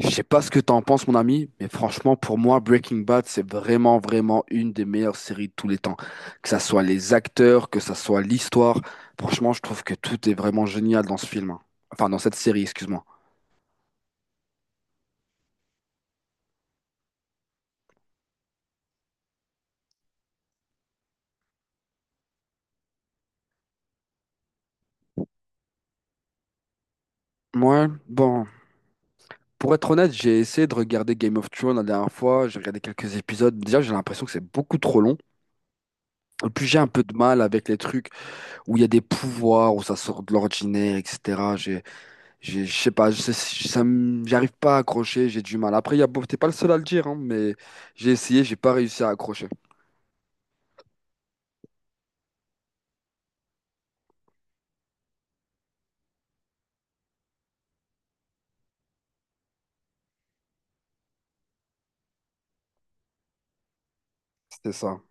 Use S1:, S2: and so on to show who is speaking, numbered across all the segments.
S1: Je sais pas ce que t'en penses, mon ami, mais franchement, pour moi, Breaking Bad, c'est vraiment, vraiment une des meilleures séries de tous les temps. Que ça soit les acteurs, que ça soit l'histoire, franchement, je trouve que tout est vraiment génial dans ce film, hein. Enfin, dans cette série, excuse-moi. Ouais, bon. Pour être honnête, j'ai essayé de regarder Game of Thrones la dernière fois, j'ai regardé quelques épisodes. Déjà, j'ai l'impression que c'est beaucoup trop long. Et puis, j'ai un peu de mal avec les trucs où il y a des pouvoirs, où ça sort de l'ordinaire, etc. J'ai, je sais pas, je sais- ça me- j'arrive pas à accrocher, j'ai du mal. Après, il y a, t'es pas le seul à le dire, hein, mais j'ai essayé, j'ai pas réussi à accrocher. C'est ça.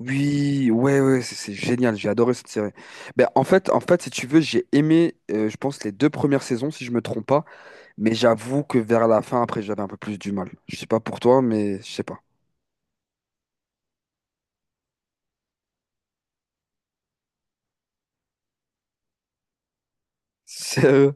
S1: Oui, ouais, ouais, c'est génial, j'ai adoré cette série. Ben, en fait, si tu veux, j'ai aimé, je pense, les deux premières saisons, si je me trompe pas. Mais j'avoue que vers la fin, après, j'avais un peu plus du mal. Je sais pas pour toi, mais je sais pas. Sérieux?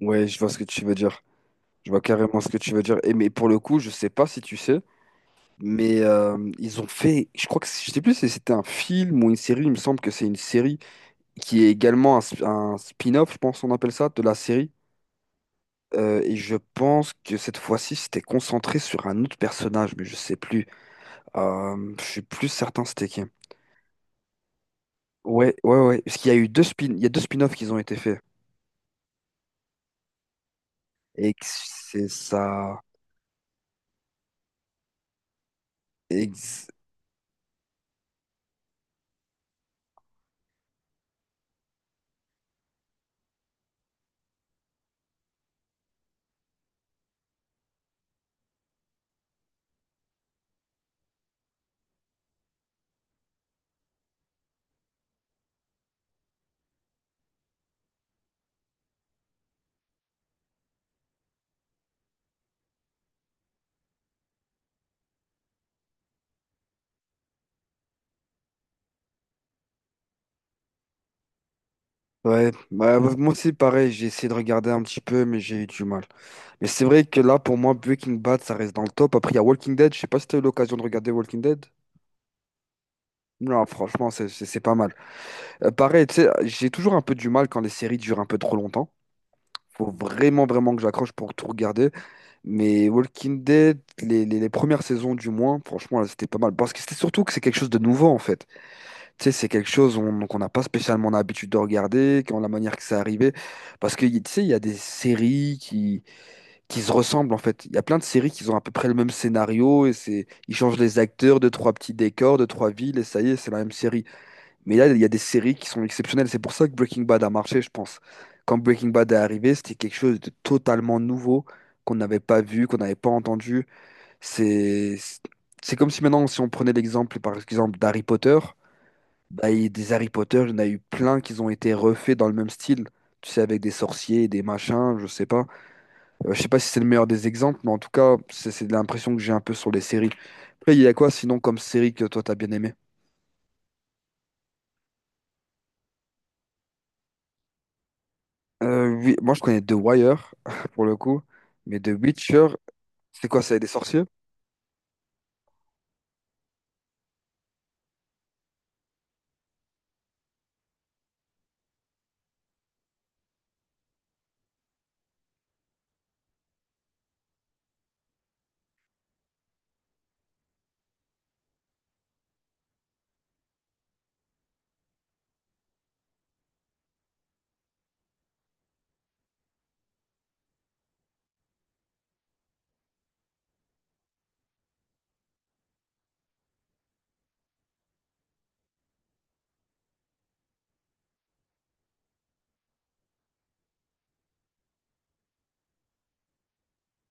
S1: Ouais, je vois ce que tu veux dire. Je vois carrément ce que tu veux dire. Et mais pour le coup, je sais pas si tu sais, mais ils ont fait, je crois que je sais plus si c'était un film ou une série. Il me semble que c'est une série qui est également un, un spin-off, je pense on appelle ça, de la série. Et je pense que cette fois-ci, c'était concentré sur un autre personnage, mais je sais plus. Je suis plus certain c'était qui. Ouais, ouais, ouais. Parce qu'il y a deux spin-offs qui ont été faits. C'est ça. Ex- Ouais, bah, moi aussi, pareil, j'ai essayé de regarder un petit peu, mais j'ai eu du mal. Mais c'est vrai que là, pour moi, Breaking Bad, ça reste dans le top. Après, il y a Walking Dead. Je sais pas si t'as eu l'occasion de regarder Walking Dead. Non, franchement, c'est pas mal. Pareil, tu sais, j'ai toujours un peu du mal quand les séries durent un peu trop longtemps. Faut vraiment, vraiment que j'accroche pour tout regarder. Mais Walking Dead, les premières saisons du moins, franchement, là, c'était pas mal. Parce que c'était surtout que c'est quelque chose de nouveau, en fait. Tu sais, c'est quelque chose qu'on n'a pas spécialement l'habitude de regarder, quand la manière que ça arrivait. Parce que, tu sais, il y a des séries qui se ressemblent, en fait. Il y a plein de séries qui ont à peu près le même scénario, et c'est, ils changent les acteurs, deux, trois petits décors, deux, trois villes, et ça y est, c'est la même série. Mais là, il y a des séries qui sont exceptionnelles. C'est pour ça que Breaking Bad a marché, je pense. Quand Breaking Bad est arrivé, c'était quelque chose de totalement nouveau, qu'on n'avait pas vu, qu'on n'avait pas entendu. C'est, c'est comme si maintenant, si on prenait l'exemple, par exemple, d'Harry Potter. Bah, il y a des Harry Potter, il y en a eu plein qui ont été refaits dans le même style. Tu sais, avec des sorciers, des machins, je sais pas. Je sais pas si c'est le meilleur des exemples, mais en tout cas, c'est l'impression que j'ai un peu sur les séries. Après, il y a quoi sinon comme série que toi t'as bien aimé? Oui, moi je connais The Wire, pour le coup, mais The Witcher, c'est quoi, c'est des sorciers?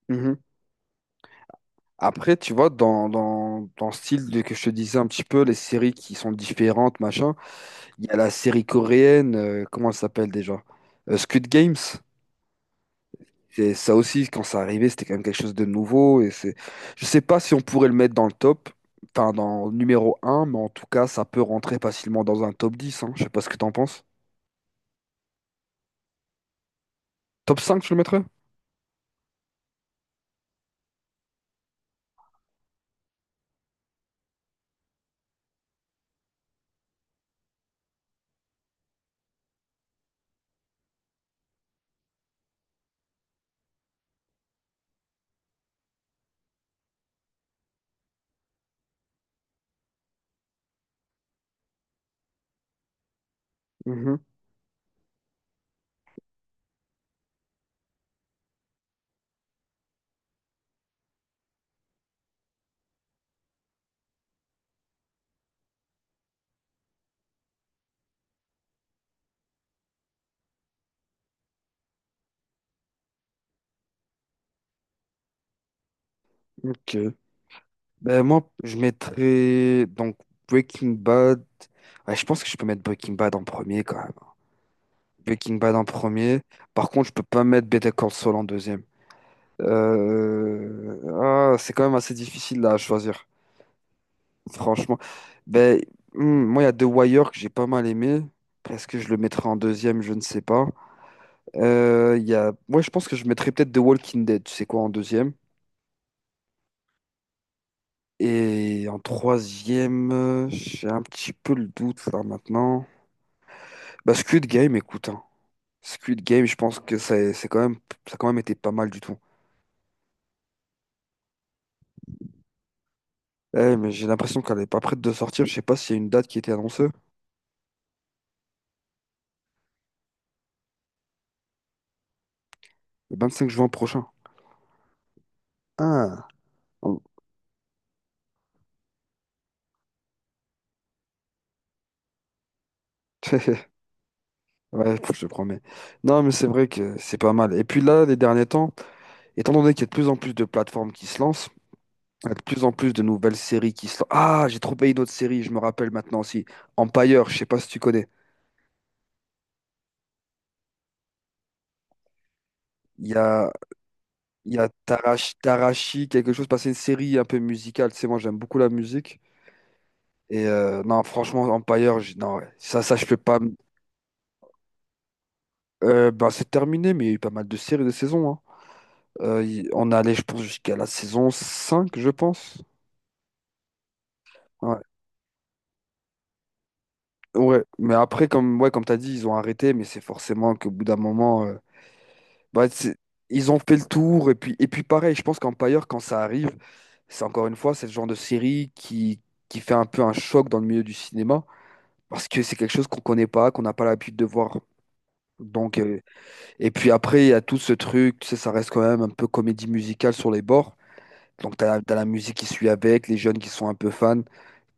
S1: Mhm. Après, tu vois, dans le style de, que je te disais un petit peu, les séries qui sont différentes, machin, il y a la série coréenne, comment elle s'appelle déjà? Squid Games. Et ça aussi, quand ça arrivait, c'était quand même quelque chose de nouveau. Et c'est... Je sais pas si on pourrait le mettre dans le top, enfin dans le numéro un, mais en tout cas, ça peut rentrer facilement dans un top 10, hein. Je sais pas ce que t'en penses. Top cinq tu le mettrais? Mhm. Ok. Ben, moi, je mettrais donc Breaking Bad. Ouais, je pense que je peux mettre Breaking Bad en premier quand même. Breaking Bad en premier. Par contre, je peux pas mettre Better Call Saul en deuxième. Ah, c'est quand même assez difficile là, à choisir. Franchement, ben, hmm, moi, il y a The Wire que j'ai pas mal aimé. Est-ce que je le mettrai en deuxième? Je ne sais pas. Il y a... Moi, je pense que je mettrais peut-être The Walking Dead, tu sais quoi, en deuxième. Et en troisième, j'ai un petit peu le doute là maintenant. Bah, Squid Game, écoute, hein. Squid Game, je pense que c'est quand même, ça a quand même été pas mal du tout. Eh, mais j'ai l'impression qu'elle est pas prête de sortir. Je sais pas s'il y a une date qui a été annoncée. Le 25 juin prochain. Ah. Ouais, je te promets. Non, mais c'est vrai que c'est pas mal. Et puis là, les derniers temps, étant donné qu'il y a de plus en plus de plateformes qui se lancent, il y a de plus en plus de nouvelles séries qui se lancent. Ah, j'ai trouvé une autre série, je me rappelle maintenant aussi. Empire, je sais pas si tu connais. Il y a, il y a Tarashi, quelque chose, parce que c'est une série un peu musicale. Tu sais, moi, j'aime beaucoup la musique. Et non, franchement, Empire, non, ouais. Ça, je peux pas. Ben, c'est terminé, mais il y a eu pas mal de séries de saisons, hein. On est allé, je pense, jusqu'à la saison 5 je pense. Ouais. Ouais, mais après, comme, ouais, comme tu as dit, ils ont arrêté, mais c'est forcément qu'au bout d'un moment, bah, ils ont fait le tour. Et puis pareil, je pense qu'Empire, quand ça arrive, c'est encore une fois, c'est le genre de série qui fait un peu un choc dans le milieu du cinéma, parce que c'est quelque chose qu'on connaît pas, qu'on n'a pas l'habitude de voir. Donc, et puis après, il y a tout ce truc, tu sais, ça reste quand même un peu comédie musicale sur les bords. Donc, tu as, la musique qui suit avec, les jeunes qui sont un peu fans.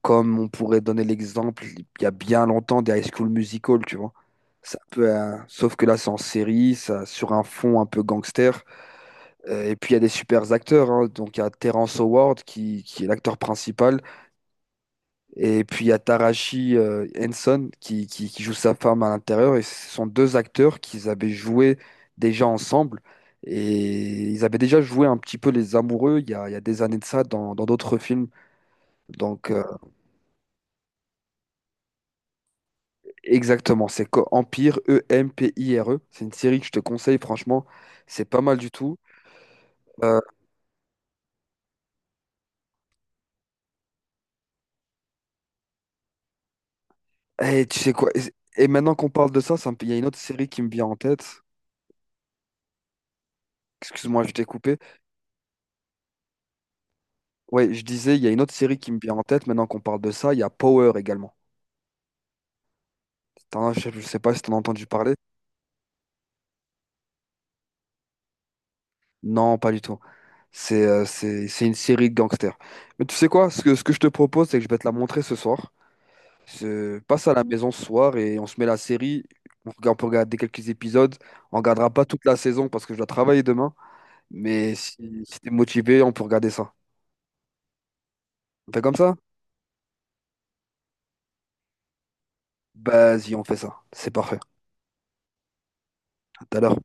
S1: Comme on pourrait donner l'exemple, il y a bien longtemps, des High School Musical, tu vois. Ça peut, sauf que là, c'est en série, ça, sur un fond un peu gangster. Et puis, il y a des super acteurs, hein. Donc, il y a Terrence Howard, qui est l'acteur principal. Et puis, il y a Taraji Henson, qui joue sa femme à l'intérieur. Et ce sont deux acteurs qu'ils avaient joué déjà ensemble. Et ils avaient déjà joué un petit peu les amoureux il y a des années de ça dans d'autres films. Donc, exactement, c'est Empire, Empire. C'est une série que je te conseille, franchement, c'est pas mal du tout. Euh, et tu sais quoi? Et maintenant qu'on parle de ça, il y a une autre série qui me vient en tête. Excuse-moi, je t'ai coupé. Ouais, je disais, il y a une autre série qui me vient en tête. Maintenant qu'on parle de ça, il y a Power également. Je sais pas si t'en as entendu parler. Non, pas du tout. C'est c'est une série de gangsters. Mais tu sais quoi? Ce que je te propose, c'est que je vais te la montrer ce soir. Se passe à la maison ce soir et on se met la série. On regarde, on peut regarder quelques épisodes. On regardera pas toute la saison parce que je dois travailler demain. Mais si t'es motivé, on peut regarder ça. On fait comme ça? Vas-y, on fait ça. C'est parfait. À tout à l'heure.